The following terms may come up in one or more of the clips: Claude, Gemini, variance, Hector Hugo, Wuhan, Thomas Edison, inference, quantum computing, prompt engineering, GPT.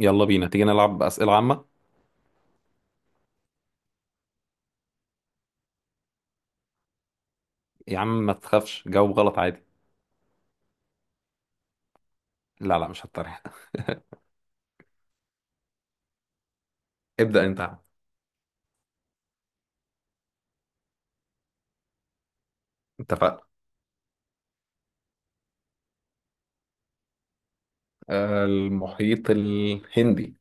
يلا بينا تيجي نلعب أسئلة عامة. يا عم ما تخافش، جاوب غلط عادي. لا لا، مش هتطرح. ابدأ انت يا عم. اتفقنا. المحيط الهندي.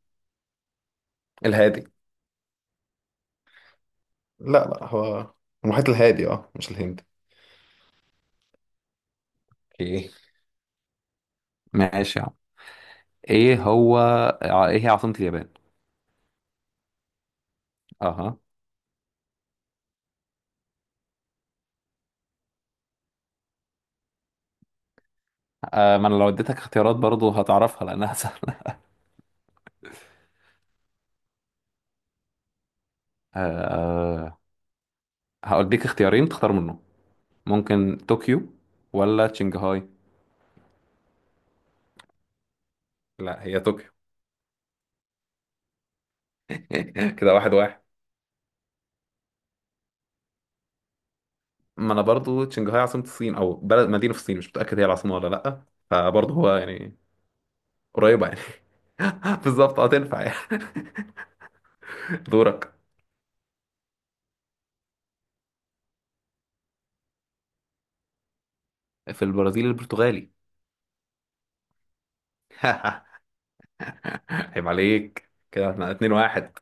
الهادي، لا لا، هو المحيط الهادي، اه مش الهندي. اوكي، ماشي يا عم. ايه هو ايه هي عاصمة اليابان؟ اها. ما انا لو اديتك اختيارات برضو هتعرفها لانها سهلة. أه، هقولك اختيارين تختار منهم. ممكن طوكيو ولا شنغهاي؟ لا، هي طوكيو. كده واحد واحد. ما انا برضو شنغهاي عاصمة الصين او بلد مدينة في الصين، مش متأكد هي العاصمة ولا لأ، فبرضه هو يعني قريبة يعني. بالظبط، هتنفع يعني. دورك. في البرازيل البرتغالي. عيب عليك، كده احنا اتنين واحد.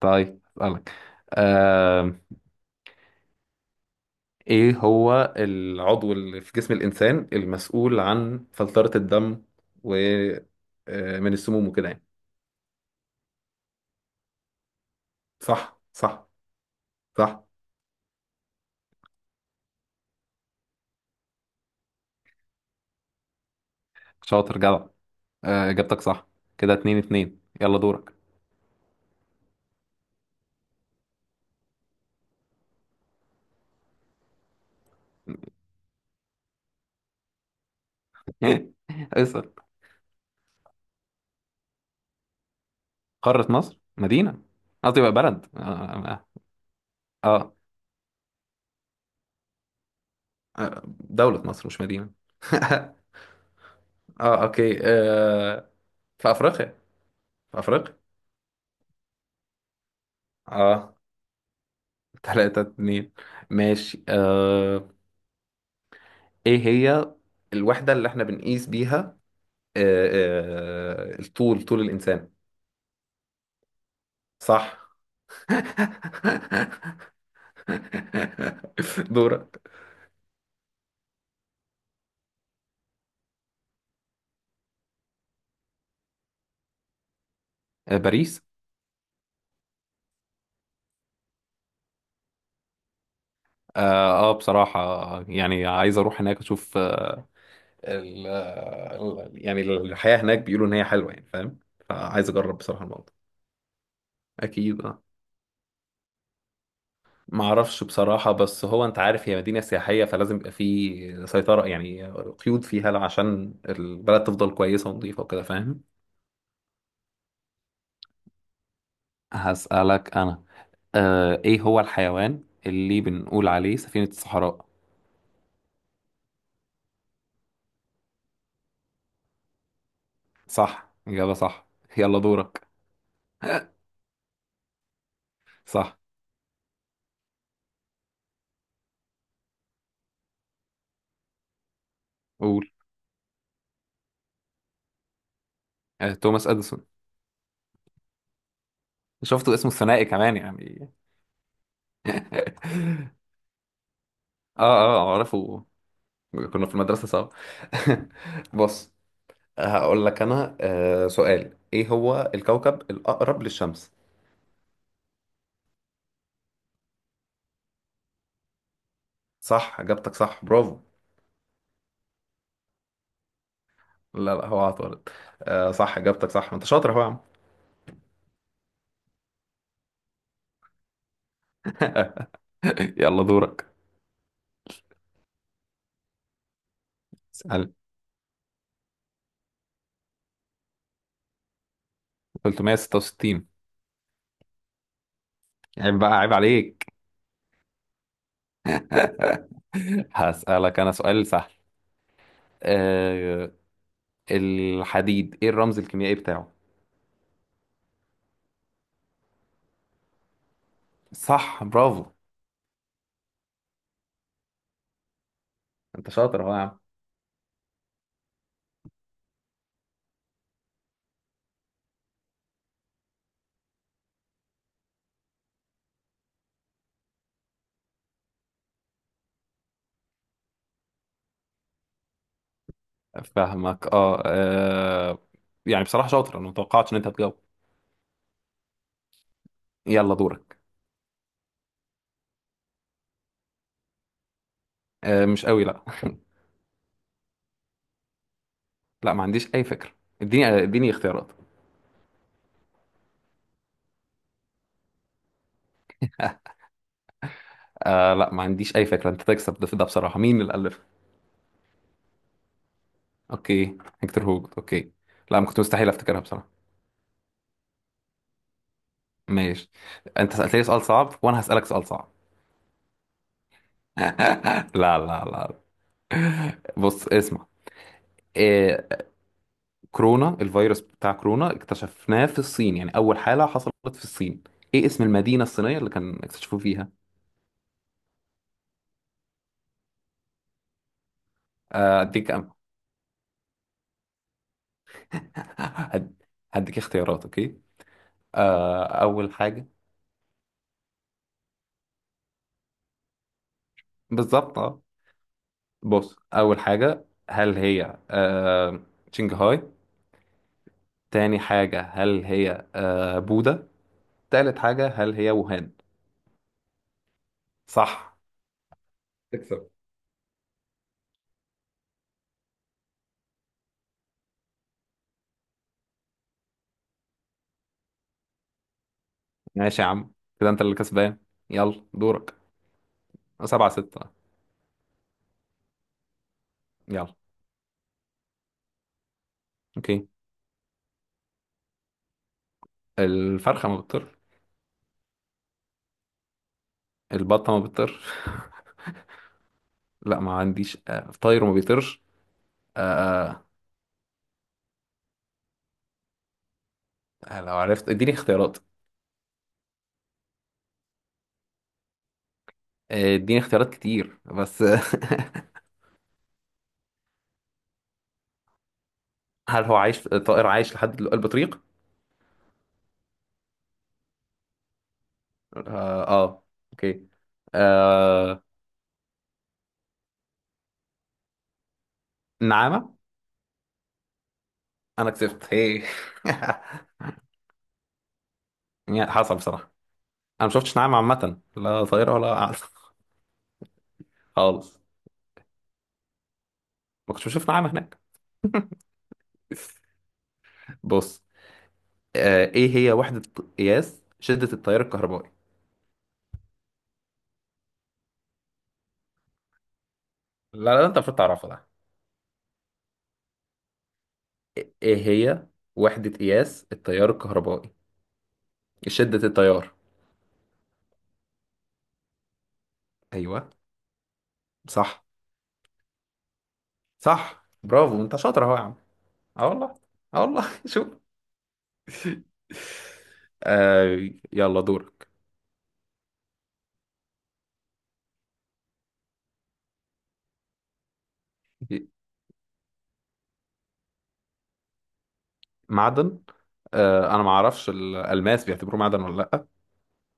طيب اسألك. آم، ايه هو العضو اللي في جسم الانسان المسؤول عن فلترة الدم و من السموم وكده يعني؟ صح صح. صح، شاطر جدع. اجابتك صح. كده اتنين اتنين، يلا دورك. ايسر. قارة مصر مدينة، قصدي بقى بلد اه. آه. آه، دولة مصر مش مدينة. اه اوكي في افريقيا، في افريقيا. اه، تلاتة اتنين. ماشي ايه هي الوحدة اللي احنا بنقيس بيها آه. الطول، طول الانسان؟ صح. دورك. باريس. اه، بصراحة يعني عايز اروح هناك اشوف، يعني الحياة هناك بيقولوا إن هي حلوة يعني، فاهم؟ فعايز أجرب بصراحة الموضوع. أكيد أه، معرفش بصراحة، بس هو أنت عارف هي مدينة سياحية فلازم يبقى في سيطرة يعني قيود فيها عشان البلد تفضل كويسة ونظيفة وكده، فاهم؟ هسألك أنا. آه، إيه هو الحيوان اللي بنقول عليه سفينة الصحراء؟ صح، إجابة صح. يلا دورك. صح. قول. آه، توماس أديسون. شفتوا اسمه الثنائي كمان يعني. آه آه، أعرفه، كنا في المدرسة سوا. بص، هقول لك أنا سؤال: إيه هو الكوكب الأقرب للشمس؟ صح، إجابتك صح برافو. لا لا، هو عطارد. صح، إجابتك صح، ما أنت شاطر أهو يا عم. يلا دورك. اسأل. 366. عيب بقى، عيب عليك. هسألك أنا سؤال سهل. آه، الحديد إيه الرمز الكيميائي بتاعه؟ صح برافو، أنت شاطر أهو يا. فاهمك اه، يعني بصراحة شاطر، انا متوقعتش ان انت هتجاوب. يلا دورك. آه مش قوي لا. لا، ما عنديش اي فكرة. اديني اديني اختيارات. آه لا، ما عنديش اي فكرة، انت تكسب ده, ده بصراحة مين اللي ألفها؟ اوكي، هيكتور هوجو، اوكي. لا، ما كنت مستحيل افتكرها بصراحة. ماشي. انت سألتني سؤال صعب وانا هسألك سؤال صعب. لا لا لا. بص اسمع. آه، كورونا، الفيروس بتاع كورونا اكتشفناه في الصين، يعني أول حالة حصلت في الصين. إيه اسم المدينة الصينية اللي كان اكتشفوه فيها؟ آه، أديك أم... هد- هديك اختيارات أوكي. آه، أول حاجة. بالظبط أه. بص، أول حاجة هل هي شنغهاي؟ تاني حاجة هل هي بودا؟ تالت حاجة هل هي ووهان؟ صح، تكسب. ماشي يا عم، كده انت اللي كسبان. يلا دورك. سبعة ستة. يلا. اوكي. الفرخة ما بتطيرش. البطة ما بتطيرش. لا، ما عنديش طاير وما بيطيرش. آه، لو عرفت اديني اختيارات. اديني اختيارات كتير بس. هل هو عايش، طائر عايش لحد دلوقتي، البطريق؟ اه, اوكي. آه. نعامة. انا كسبت هي. يعني حصل بصراحة. انا ما شفتش نعامة عامة، لا طايرة ولا قاعدة. خالص. ما كنتش بشوف نعامة هناك. بص. ايه هي وحدة قياس شدة التيار الكهربائي؟ لا لا انت المفروض تعرفها. ايه هي وحدة قياس التيار الكهربائي، شدة التيار؟ ايوه. صح، صح برافو، انت شاطر اهو يا عم. اه والله. اه والله شوف. آه، يلا دورك. معدن. آه انا ما اعرفش الالماس بيعتبروه معدن ولا لا،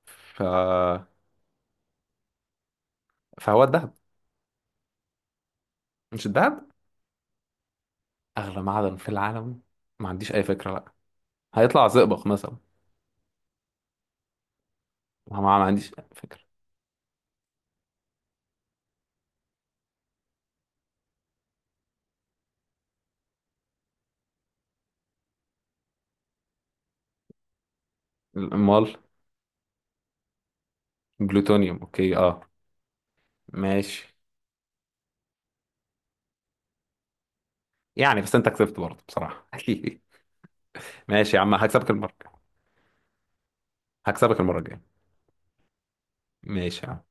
ف... فهو الذهب. مش الذهب؟ اغلى معدن في العالم. ما عنديش اي فكرة. لا، هيطلع زئبق مثلا. ما عنديش أي فكرة. امال. جلوتونيوم اوكي اه. ماشي، يعني بس انت كسبت برضه بصراحة. ماشي يا عم، هكسبك المرة. هكسبك المرة الجاية. ماشي يا عم.